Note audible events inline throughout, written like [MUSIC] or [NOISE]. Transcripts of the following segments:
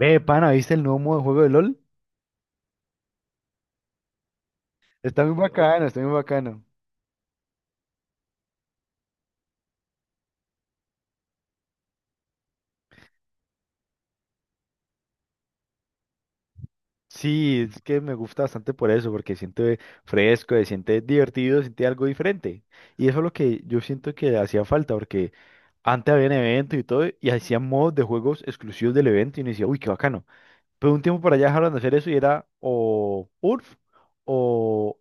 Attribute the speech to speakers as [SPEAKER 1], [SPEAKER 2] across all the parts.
[SPEAKER 1] Ve, pana, ¿viste el nuevo modo de juego de LOL? Está muy bacano, está muy bacano. Sí, es que me gusta bastante por eso, porque siente fresco, se siente divertido, siente algo diferente. Y eso es lo que yo siento que hacía falta, porque antes habían eventos y todo, y hacían modos de juegos exclusivos del evento, y uno decía, uy, qué bacano. Pero un tiempo para allá dejaron de hacer eso y era o URF, o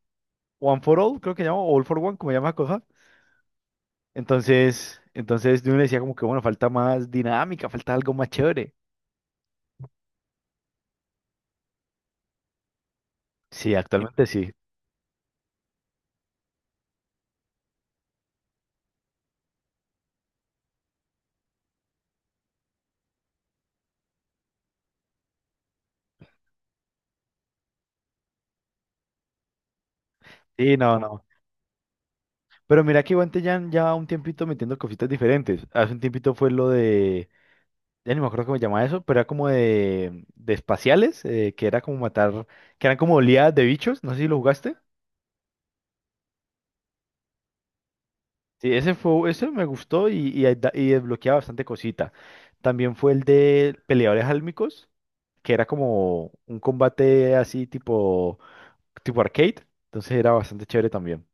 [SPEAKER 1] One for All, creo que llama, o All for One, como llama la cosa. Entonces uno decía como que, bueno, falta más dinámica, falta algo más chévere. Sí, actualmente sí. Sí, no, no. Pero mira que Guantellán ya un tiempito metiendo cositas diferentes. Hace un tiempito fue lo de, ya ni me acuerdo cómo se llamaba eso, pero era como de espaciales, que era como matar, que eran como oleadas de bichos, no sé si lo jugaste. Sí, ese fue, ese me gustó y, ahí da- y desbloqueaba bastante cosita. También fue el de peleadores álmicos, que era como un combate así tipo, tipo arcade, entonces era bastante chévere también.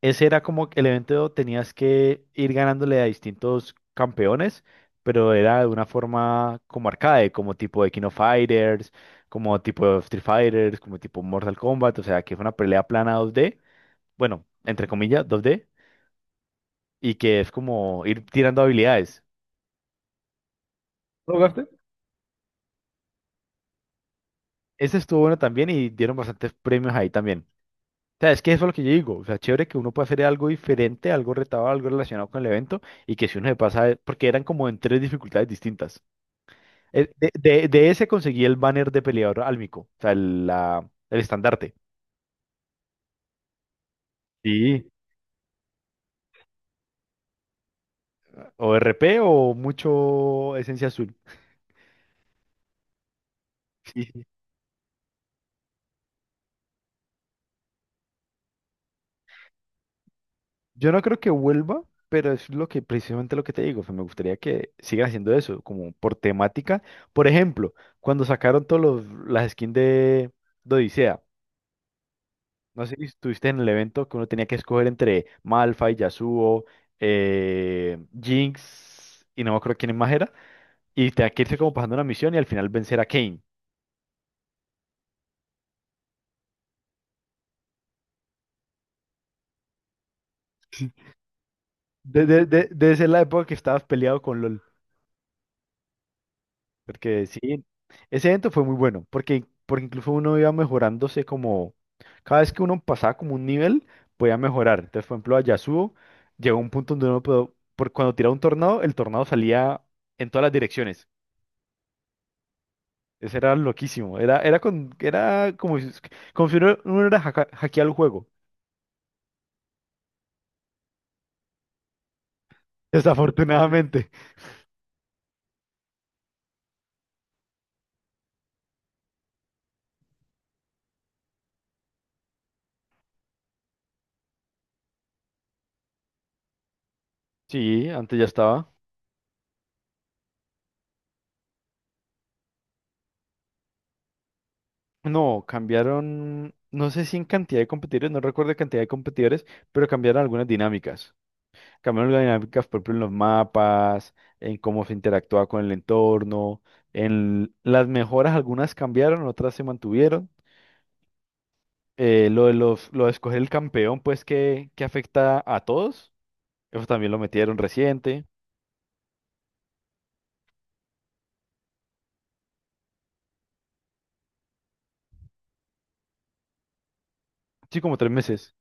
[SPEAKER 1] Ese era como que el evento tenías que ir ganándole a distintos campeones, pero era de una forma como arcade, como tipo de King of Fighters, como tipo de Street Fighters, como tipo Mortal Kombat, o sea, que fue una pelea plana dos d, bueno, entre comillas, dos d, y que es como ir tirando habilidades. ¿Lo jugaste? Ese estuvo bueno también y dieron bastantes premios ahí también. O sea, es que eso es lo que yo digo. O sea, chévere que uno puede hacer algo diferente, algo retado, algo relacionado con el evento y que si uno se pasa, porque eran como en tres dificultades distintas. De ese conseguí el banner de peleador álmico, o sea, el estandarte. Sí. O r p o mucho esencia azul. Sí, sí. Yo no creo que vuelva, pero es lo que precisamente lo que te digo. O sea, me gustaría que sigan haciendo eso, como por temática. Por ejemplo, cuando sacaron todas las skins de Odisea, no sé si estuviste en el evento que uno tenía que escoger entre Malphite, Yasuo, Jinx y no me acuerdo quién más era. Y tenía que irse como pasando una misión y al final vencer a Kane. Debe ser la época que estabas peleado con LOL. Porque sí, ese evento fue muy bueno. Porque, porque incluso uno iba mejorándose como. Cada vez que uno pasaba como un nivel, podía mejorar. Entonces, por ejemplo, a Yasuo llegó un punto donde uno pudo. Por, cuando tiraba un tornado, el tornado salía en todas las direcciones. Eso era loquísimo. Era como si uno era hackeado el juego. [LAUGHS] Desafortunadamente. Sí, antes ya estaba. No, cambiaron, no sé si en cantidad de competidores, no recuerdo la cantidad de competidores, pero cambiaron algunas dinámicas. Cambiaron las dinámicas, por ejemplo, en los mapas, en cómo se interactuaba con el entorno, en las mejoras, algunas cambiaron, otras se mantuvieron. Lo de escoger el campeón, pues que afecta a todos, eso también lo metieron reciente. Sí, como tres meses.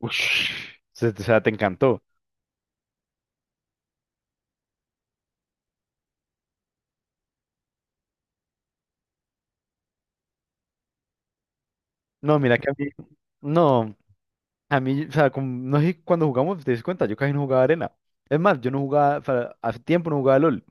[SPEAKER 1] Ush, se- o sea, te encantó. No, mira que a mí, no. A mí, o sea, como- no sé, cuando jugamos, te das cuenta, yo casi no jugaba arena. Es más, yo no jugaba, o sea, hace tiempo no jugaba LOL.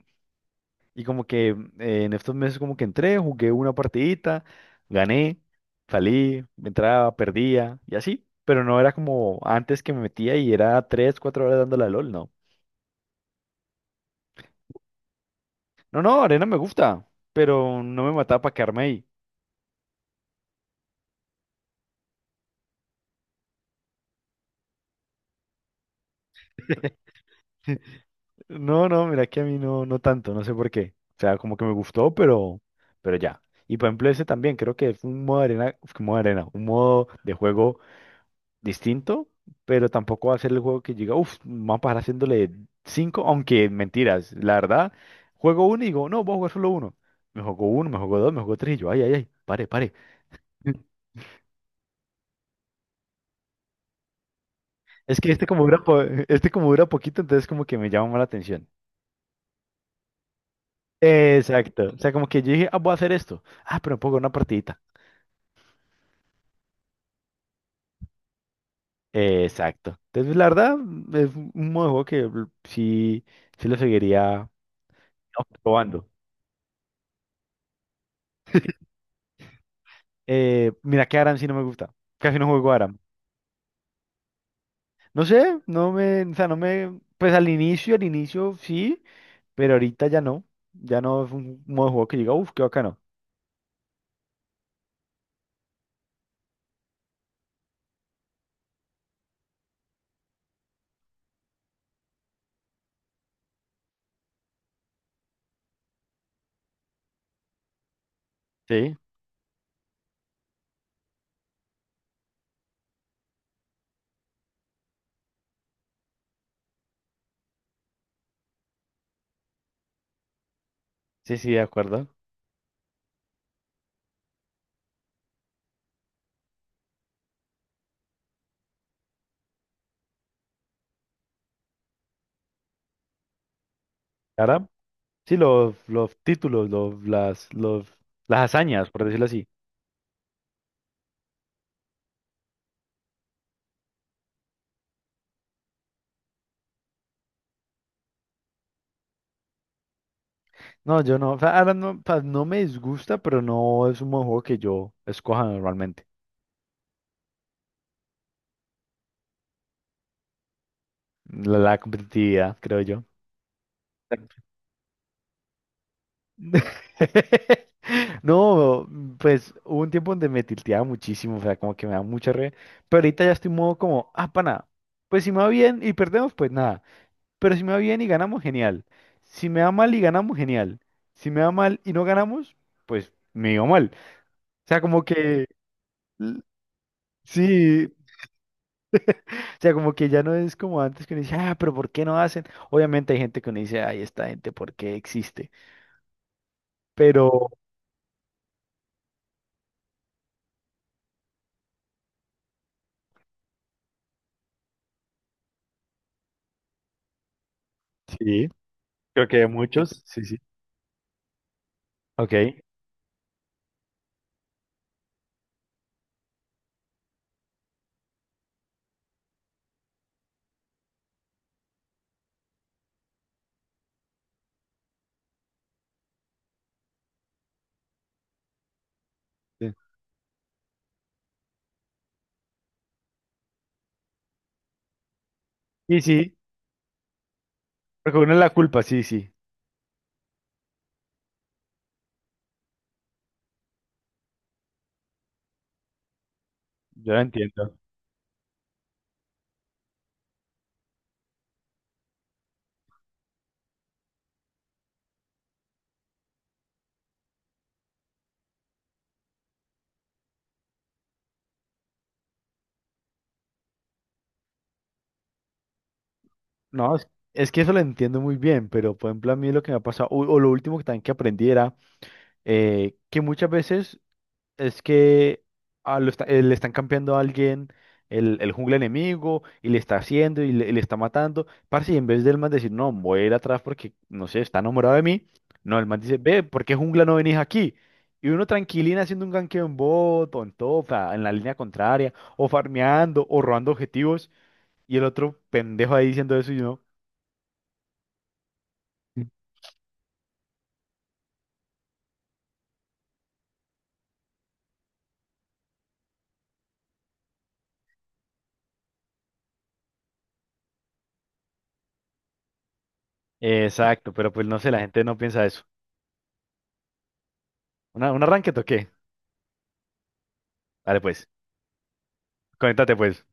[SPEAKER 1] Y como que en estos meses como que entré, jugué una partidita, gané, salí, entraba, perdía y así. Pero no era como antes que me metía y era tres, cuatro horas dándole a LOL, no. No, no, arena me gusta, pero no me mataba para quedarme ahí. [LAUGHS] No, no, mira que a mí no, no tanto, no sé por qué. O sea, como que me gustó, pero ya. Y por ejemplo, ese también creo que es un modo de arena, uf, modo de arena, un modo de juego distinto, pero tampoco va a ser el juego que llega, uff, vamos a pasar haciéndole cinco, aunque mentiras, la verdad, juego uno y digo, no, voy a jugar solo uno. Me jugó uno, me jugó dos, me jugó tres, y yo, ay, ay, ay, pare, pare. [LAUGHS] Es que este como dura, po- [LAUGHS] este como dura poquito, entonces como que me llama más la atención. Exacto. O sea, como que yo dije, ah, voy a hacer esto. Ah, pero me puedo jugar una partidita. Exacto. Entonces, la verdad, es un modo de juego que l- sí, sí lo seguiría probando. Mira que Aram sí no me gusta. Casi no juego Aram. No sé, no me, o sea, no me, pues al inicio sí, pero ahorita ya no. Ya no es un modo de juego que diga, uff, qué bacano. Sí, sí, sí, de acuerdo. Aram, sí, los títulos, los, las hazañas, por decirlo así. No, yo no, o sea, Aram no, o sea, no me disgusta, pero no es un modo de juego que yo escoja normalmente. La competitividad, creo yo. [LAUGHS] No, pues hubo un tiempo donde me tilteaba muchísimo, o sea, como que me da mucha re, pero ahorita ya estoy en modo como, ah, pana, pues si me va bien y perdemos, pues nada, pero si me va bien y ganamos, genial, si me va mal y ganamos, genial, si me va mal y no ganamos, pues me iba mal, o sea, como que, l- sí, o sea, como que ya no es como antes que uno dice, ah, pero ¿por qué no hacen? Obviamente hay gente que uno dice, ay, esta gente, ¿por qué existe? Pero, sí, creo que hay muchos, sí, sí. Ok. Sí. Y sí, reconoce la culpa, sí, sí. Yo la entiendo. No, es que eso lo entiendo muy bien, pero por ejemplo, a mí lo que me ha pasado, o lo último que también que aprendí era que muchas veces. Es que ah, lo está- le están campeando a alguien el jungla enemigo y le está haciendo y le está matando. Parce, y en vez del man decir, no, voy a ir atrás porque, no sé, está enamorado de mí. No, el man dice, ve, ¿por qué jungla no venís aquí? Y uno tranquilina haciendo un ganqueo en bot o en top, a- en la línea contraria, o farmeando, o robando objetivos. Y el otro pendejo ahí diciendo eso y yo, exacto, pero pues no sé, la gente no piensa eso. ¿Una, un arranque toqué? Dale pues, conéctate pues.